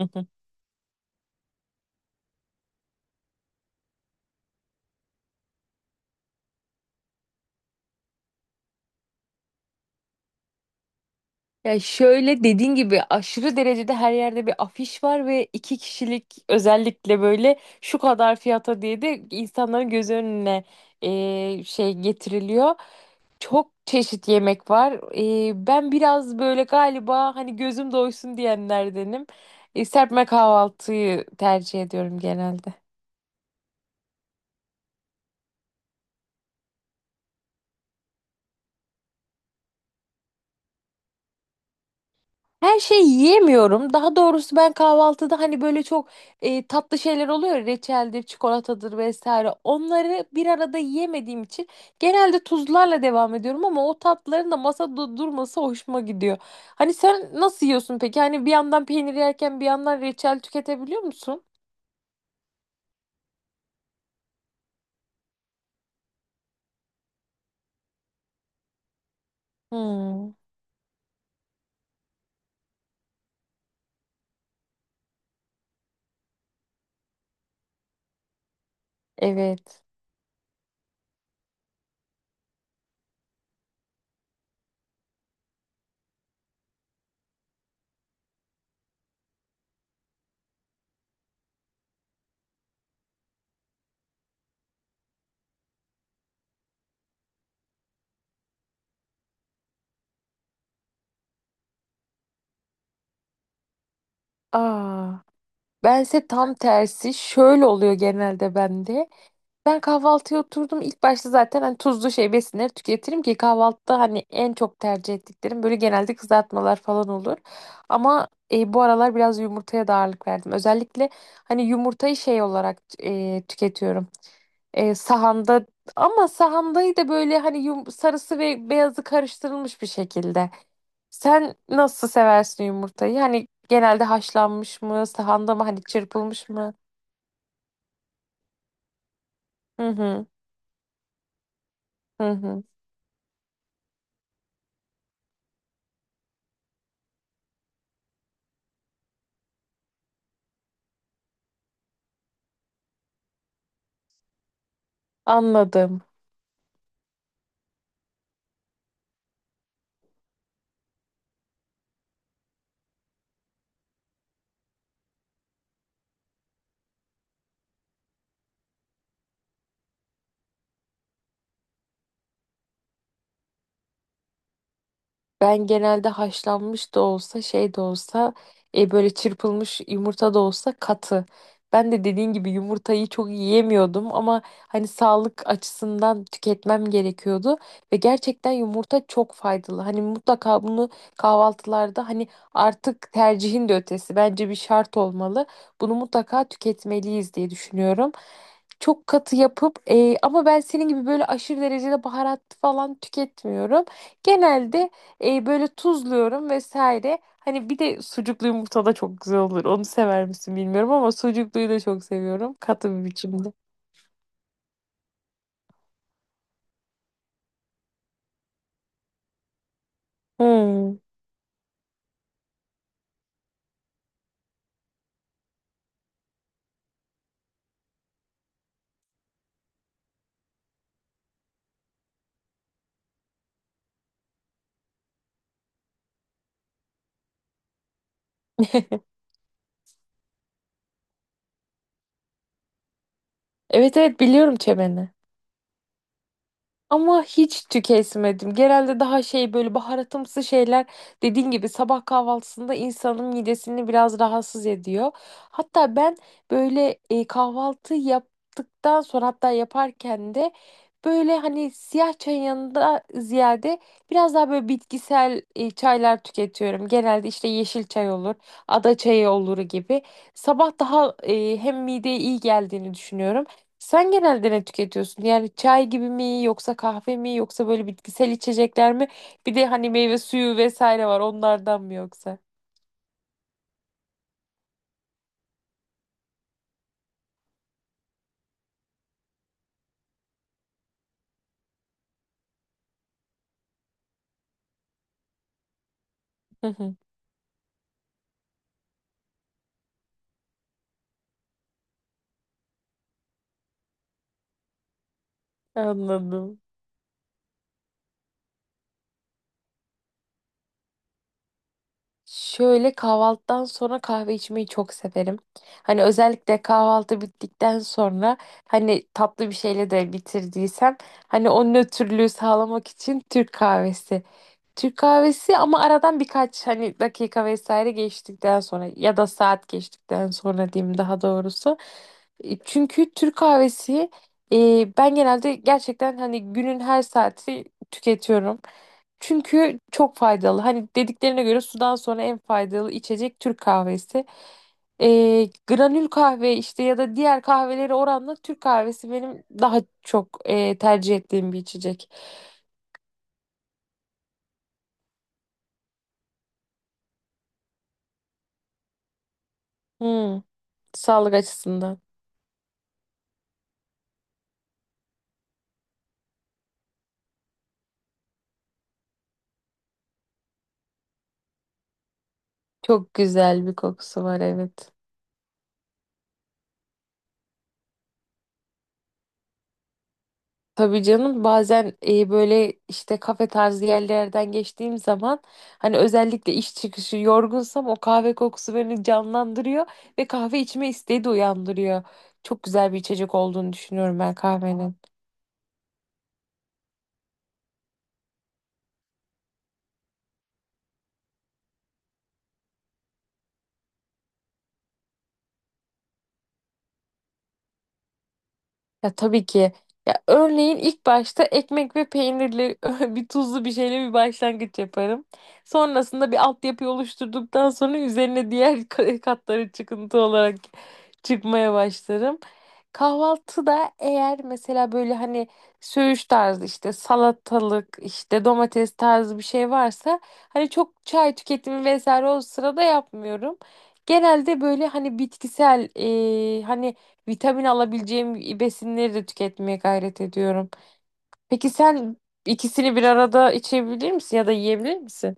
Hı hı. Ya şöyle dediğin gibi aşırı derecede her yerde bir afiş var ve iki kişilik özellikle böyle şu kadar fiyata diye de insanların göz önüne şey getiriliyor. Çok çeşit yemek var. Ben biraz böyle galiba hani gözüm doysun diyenlerdenim. Serpme kahvaltıyı tercih ediyorum genelde. Her şeyi yiyemiyorum. Daha doğrusu ben kahvaltıda hani böyle çok tatlı şeyler oluyor. Ya, reçeldir, çikolatadır vesaire. Onları bir arada yiyemediğim için genelde tuzlarla devam ediyorum ama o tatlıların da masada durması hoşuma gidiyor. Hani sen nasıl yiyorsun peki? Hani bir yandan peynir yerken bir yandan reçel tüketebiliyor musun? Hmm, evet. Aa, bense tam tersi şöyle oluyor genelde bende. Ben kahvaltıya oturdum. İlk başta zaten hani tuzlu şey besinleri tüketirim ki kahvaltıda hani en çok tercih ettiklerim böyle genelde kızartmalar falan olur. Ama bu aralar biraz yumurtaya da ağırlık verdim. Özellikle hani yumurtayı şey olarak tüketiyorum. E, sahanda ama sahandayı da böyle hani sarısı ve beyazı karıştırılmış bir şekilde. Sen nasıl seversin yumurtayı? Hani genelde haşlanmış mı, sahanda mı hani çırpılmış mı? Hı hı hı hı. Anladım. Ben genelde haşlanmış da olsa şey de olsa böyle çırpılmış yumurta da olsa katı. Ben de dediğin gibi yumurtayı çok yiyemiyordum ama hani sağlık açısından tüketmem gerekiyordu ve gerçekten yumurta çok faydalı. Hani mutlaka bunu kahvaltılarda hani artık tercihin de ötesi bence bir şart olmalı. Bunu mutlaka tüketmeliyiz diye düşünüyorum, çok katı yapıp ama ben senin gibi böyle aşırı derecede baharat falan tüketmiyorum. Genelde böyle tuzluyorum vesaire. Hani bir de sucuklu yumurta da çok güzel olur. Onu sever misin bilmiyorum ama sucukluyu da çok seviyorum. Katı bir biçimde. Hmm. Evet evet biliyorum çemeni. Ama hiç tüketmedim. Genelde daha şey böyle baharatımsı şeyler dediğin gibi sabah kahvaltısında insanın midesini biraz rahatsız ediyor. Hatta ben böyle kahvaltı yaptıktan sonra hatta yaparken de böyle hani siyah çayın yanında ziyade biraz daha böyle bitkisel çaylar tüketiyorum. Genelde işte yeşil çay olur, ada çayı olur gibi. Sabah daha hem mideye iyi geldiğini düşünüyorum. Sen genelde ne tüketiyorsun? Yani çay gibi mi yoksa kahve mi yoksa böyle bitkisel içecekler mi? Bir de hani meyve suyu vesaire var onlardan mı yoksa? Hı hı, anladım. Şöyle, kahvaltıdan sonra kahve içmeyi çok severim. Hani özellikle kahvaltı bittikten sonra hani tatlı bir şeyle de bitirdiysem hani o nötrlüğü sağlamak için Türk kahvesi. Türk kahvesi ama aradan birkaç hani dakika vesaire geçtikten sonra ya da saat geçtikten sonra diyeyim daha doğrusu. E, çünkü Türk kahvesi ben genelde gerçekten hani günün her saati tüketiyorum. Çünkü çok faydalı. Hani dediklerine göre sudan sonra en faydalı içecek Türk kahvesi. E, granül kahve işte ya da diğer kahveleri oranla Türk kahvesi benim daha çok tercih ettiğim bir içecek. Hmm, sağlık açısından. Çok güzel bir kokusu var, evet. Tabii canım, bazen böyle işte kafe tarzı yerlerden geçtiğim zaman hani özellikle iş çıkışı yorgunsam o kahve kokusu beni canlandırıyor ve kahve içme isteği de uyandırıyor. Çok güzel bir içecek olduğunu düşünüyorum ben kahvenin. Ya, tabii ki. Ya örneğin ilk başta ekmek ve peynirli bir tuzlu bir şeyle bir başlangıç yaparım. Sonrasında bir altyapı oluşturduktan sonra üzerine diğer katları çıkıntı olarak çıkmaya başlarım. Kahvaltıda eğer mesela böyle hani söğüş tarzı işte salatalık işte domates tarzı bir şey varsa hani çok çay tüketimi vesaire o sırada yapmıyorum. Genelde böyle hani bitkisel hani vitamin alabileceğim besinleri de tüketmeye gayret ediyorum. Peki sen ikisini bir arada içebilir misin ya da yiyebilir misin?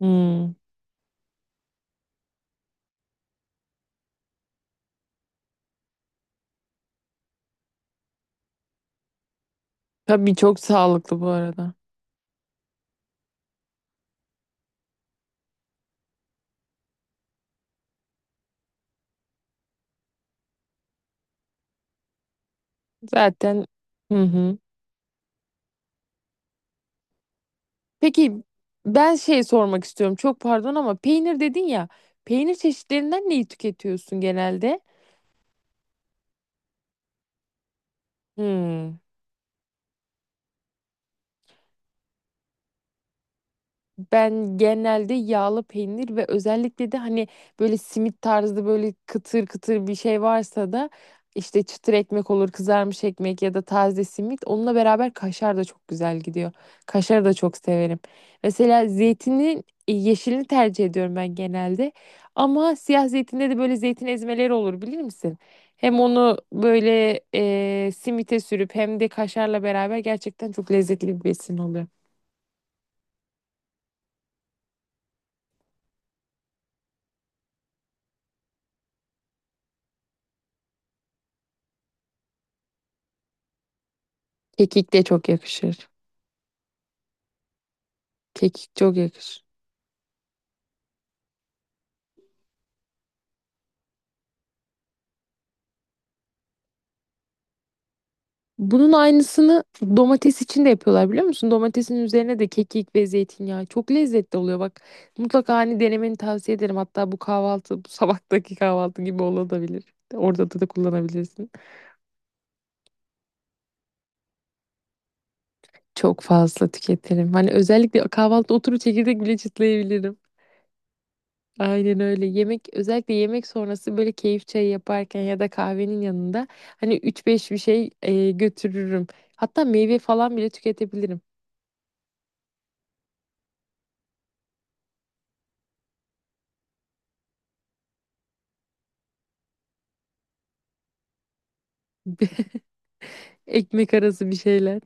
Hmm. Tabii, çok sağlıklı bu arada. Zaten hı hı. Peki, ben şey sormak istiyorum. Çok pardon ama peynir dedin ya. Peynir çeşitlerinden neyi tüketiyorsun genelde? Hmm. Ben genelde yağlı peynir ve özellikle de hani böyle simit tarzı böyle kıtır kıtır bir şey varsa da işte çıtır ekmek olur, kızarmış ekmek ya da taze simit. Onunla beraber kaşar da çok güzel gidiyor. Kaşarı da çok severim. Mesela zeytinin yeşilini tercih ediyorum ben genelde. Ama siyah zeytinde de böyle zeytin ezmeleri olur, bilir misin? Hem onu böyle simite sürüp hem de kaşarla beraber gerçekten çok lezzetli bir besin oluyor. Kekik de çok yakışır. Kekik çok yakışır. Bunun aynısını domates için de yapıyorlar, biliyor musun? Domatesin üzerine de kekik ve zeytinyağı. Çok lezzetli oluyor bak. Mutlaka hani denemeni tavsiye ederim. Hatta bu kahvaltı, bu sabahtaki kahvaltı gibi olabilir. Orada da kullanabilirsin. Çok fazla tüketirim. Hani özellikle kahvaltı oturup çekirdek bile çıtlayabilirim. Aynen öyle. Yemek özellikle yemek sonrası böyle keyif çayı yaparken ya da kahvenin yanında hani üç beş bir şey götürürüm. Hatta meyve falan bile tüketebilirim. Ekmek arası bir şeyler.